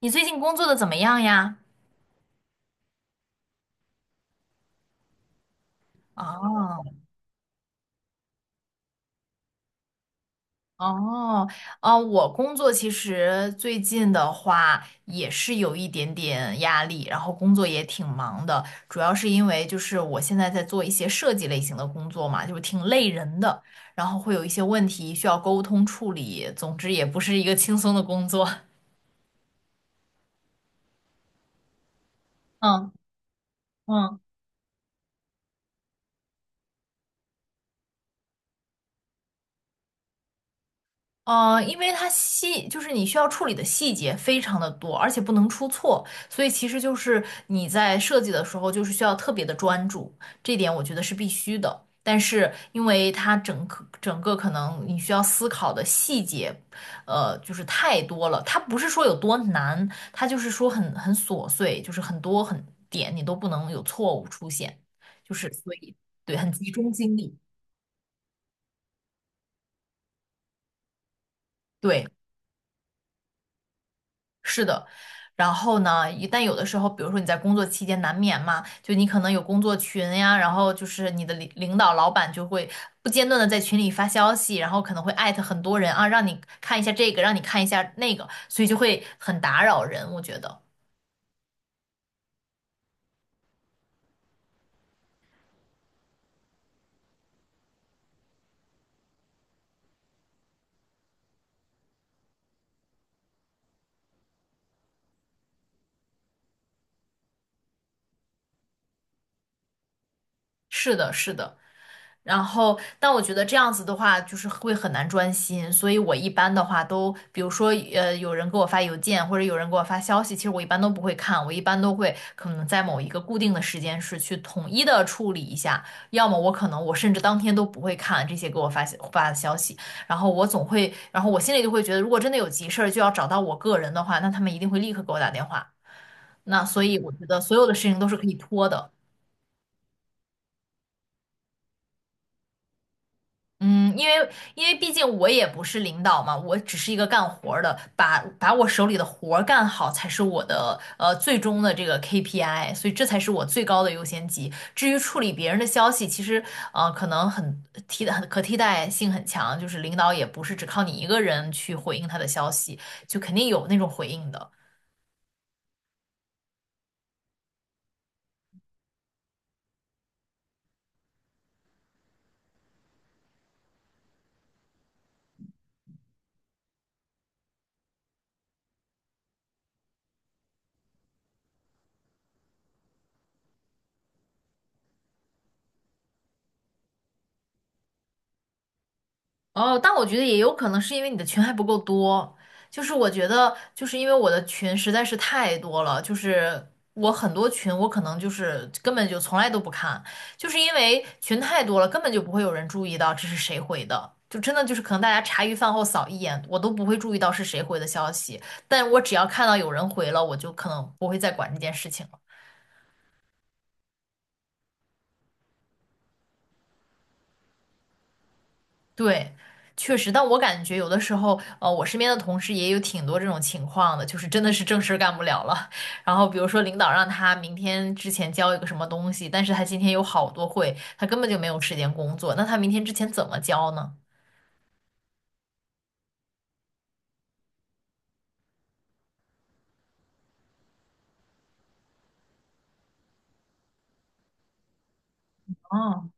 你最近工作的怎么样呀？哦哦哦，我工作其实最近的话也是有一点点压力，然后工作也挺忙的，主要是因为就是我现在在做一些设计类型的工作嘛，就是挺累人的，然后会有一些问题需要沟通处理，总之也不是一个轻松的工作。嗯嗯。因为它细，就是你需要处理的细节非常的多，而且不能出错，所以其实就是你在设计的时候，就是需要特别的专注，这点我觉得是必须的。但是因为它整个可能你需要思考的细节，就是太多了。它不是说有多难，它就是说很琐碎，就是很多很点你都不能有错误出现，就是所以对，很集中精力，对。是的，然后呢，一但有的时候，比如说你在工作期间难免嘛，就你可能有工作群呀，然后就是你的领导、老板就会不间断的在群里发消息，然后可能会艾特很多人啊，让你看一下这个，让你看一下那个，所以就会很打扰人，我觉得。是的，是的，然后，但我觉得这样子的话，就是会很难专心，所以我一般的话都，比如说，有人给我发邮件或者有人给我发消息，其实我一般都不会看，我一般都会可能在某一个固定的时间是去统一的处理一下，要么我可能我甚至当天都不会看这些给我发的消息，然后我总会，然后我心里就会觉得，如果真的有急事儿就要找到我个人的话，那他们一定会立刻给我打电话，那所以我觉得所有的事情都是可以拖的。嗯，因为毕竟我也不是领导嘛，我只是一个干活儿的，把我手里的活儿干好才是我的最终的这个 KPI,所以这才是我最高的优先级。至于处理别人的消息，其实可能很替代很可替代性很强，就是领导也不是只靠你一个人去回应他的消息，就肯定有那种回应的。哦，但我觉得也有可能是因为你的群还不够多，就是我觉得就是因为我的群实在是太多了，就是我很多群我可能就是根本就从来都不看，就是因为群太多了，根本就不会有人注意到这是谁回的，就真的就是可能大家茶余饭后扫一眼，我都不会注意到是谁回的消息，但我只要看到有人回了，我就可能不会再管这件事情。了。对，确实，但我感觉有的时候，我身边的同事也有挺多这种情况的，就是真的是正事儿干不了了。然后比如说领导让他明天之前交一个什么东西，但是他今天有好多会，他根本就没有时间工作，那他明天之前怎么交呢？哦。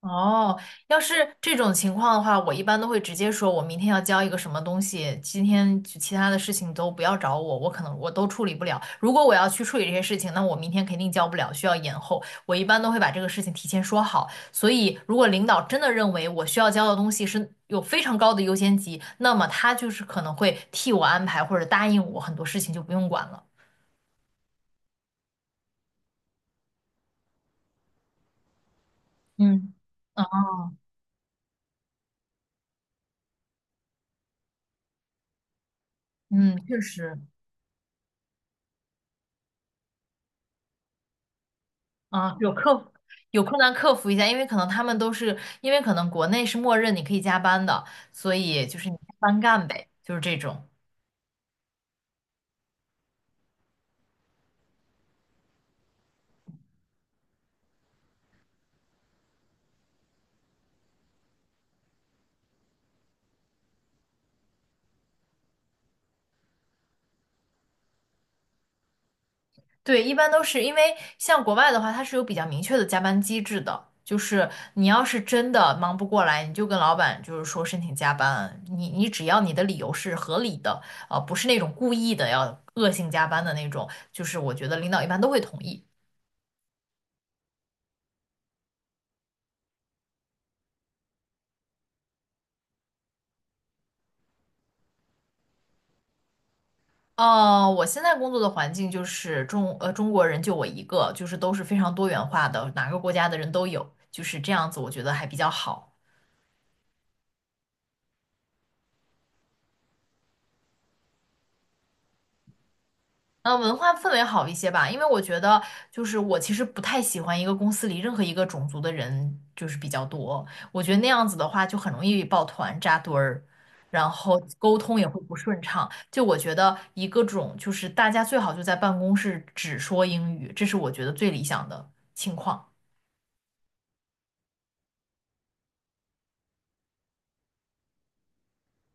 哦，要是这种情况的话，我一般都会直接说，我明天要交一个什么东西，今天其他的事情都不要找我，我可能我都处理不了。如果我要去处理这些事情，那我明天肯定交不了，需要延后。我一般都会把这个事情提前说好。所以，如果领导真的认为我需要交的东西是有非常高的优先级，那么他就是可能会替我安排或者答应我很多事情就不用管了。嗯嗯，嗯，确实。啊，有克服有困难克服一下，因为可能他们都是，因为可能国内是默认你可以加班的，所以就是你加班干呗，就是这种。对，一般都是因为像国外的话，它是有比较明确的加班机制的，就是你要是真的忙不过来，你就跟老板就是说申请加班，你只要你的理由是合理的，不是那种故意的要恶性加班的那种，就是我觉得领导一般都会同意。哦，我现在工作的环境就是中国人就我一个，就是都是非常多元化的，哪个国家的人都有，就是这样子，我觉得还比较好。呃，文化氛围好一些吧，因为我觉得就是我其实不太喜欢一个公司里任何一个种族的人就是比较多，我觉得那样子的话就很容易抱团扎堆儿，然后沟通也会不顺畅。就我觉得一个种就是大家最好就在办公室只说英语，这是我觉得最理想的情况。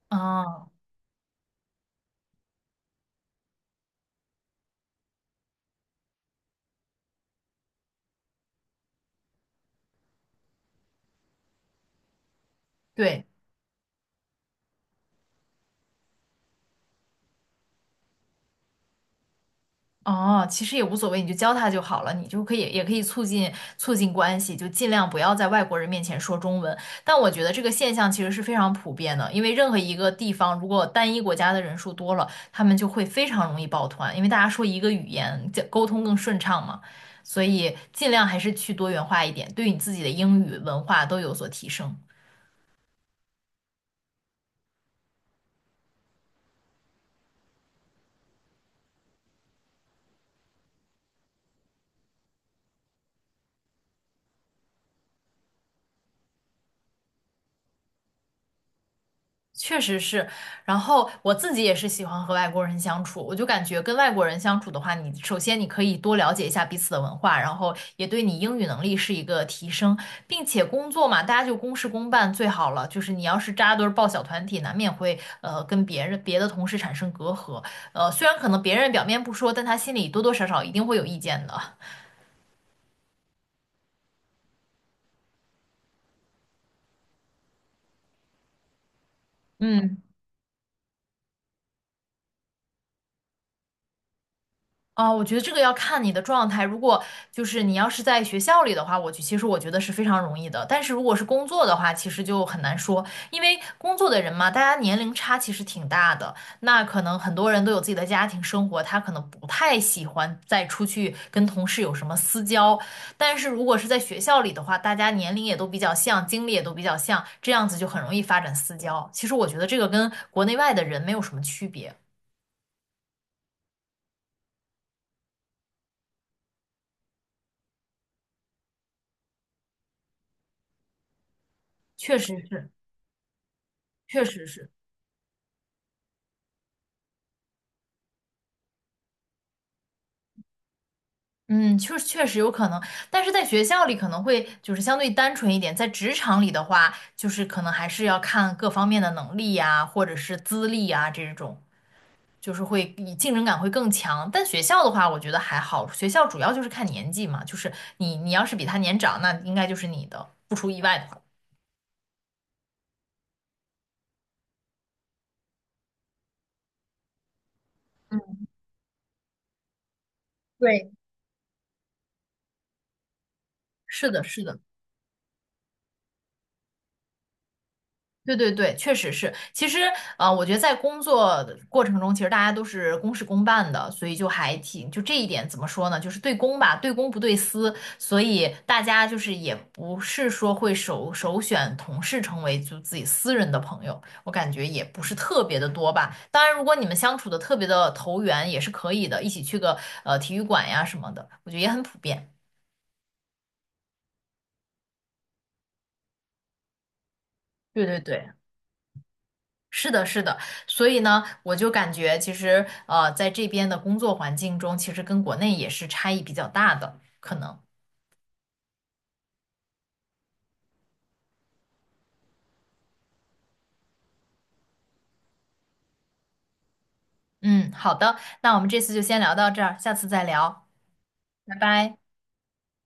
啊，对。哦，其实也无所谓，你就教他就好了，你就可以也可以促进关系，就尽量不要在外国人面前说中文。但我觉得这个现象其实是非常普遍的，因为任何一个地方如果单一国家的人数多了，他们就会非常容易抱团，因为大家说一个语言，这沟通更顺畅嘛。所以尽量还是去多元化一点，对你自己的英语文化都有所提升。确实是，然后我自己也是喜欢和外国人相处，我就感觉跟外国人相处的话，你首先你可以多了解一下彼此的文化，然后也对你英语能力是一个提升，并且工作嘛，大家就公事公办最好了。就是你要是扎堆儿抱小团体，难免会跟别人别的同事产生隔阂，呃，虽然可能别人表面不说，但他心里多多少少一定会有意见的。嗯，啊，我觉得这个要看你的状态。如果就是你要是在学校里的话，我就其实我觉得是非常容易的。但是如果是工作的话，其实就很难说，因为工作的人嘛，大家年龄差其实挺大的。那可能很多人都有自己的家庭生活，他可能不太喜欢再出去跟同事有什么私交。但是如果是在学校里的话，大家年龄也都比较像，经历也都比较像，这样子就很容易发展私交。其实我觉得这个跟国内外的人没有什么区别，确实是，确实是。嗯，确确实有可能，但是在学校里可能会就是相对单纯一点，在职场里的话，就是可能还是要看各方面的能力呀，或者是资历啊这种，就是会以竞争感会更强。但学校的话，我觉得还好，学校主要就是看年纪嘛，就是你要是比他年长，那应该就是你的，不出意外的话。对，是的，是的。对对对，确实是。其实，我觉得在工作的过程中，其实大家都是公事公办的，所以就还挺，就这一点怎么说呢？就是对公吧，对公不对私，所以大家就是也不是说会首选同事成为就自己私人的朋友，我感觉也不是特别的多吧。当然，如果你们相处的特别的投缘，也是可以的，一起去个体育馆呀什么的，我觉得也很普遍。对对对。是的，是的，所以呢，我就感觉其实在这边的工作环境中，其实跟国内也是差异比较大的，可能。嗯，好的，那我们这次就先聊到这儿，下次再聊，拜拜。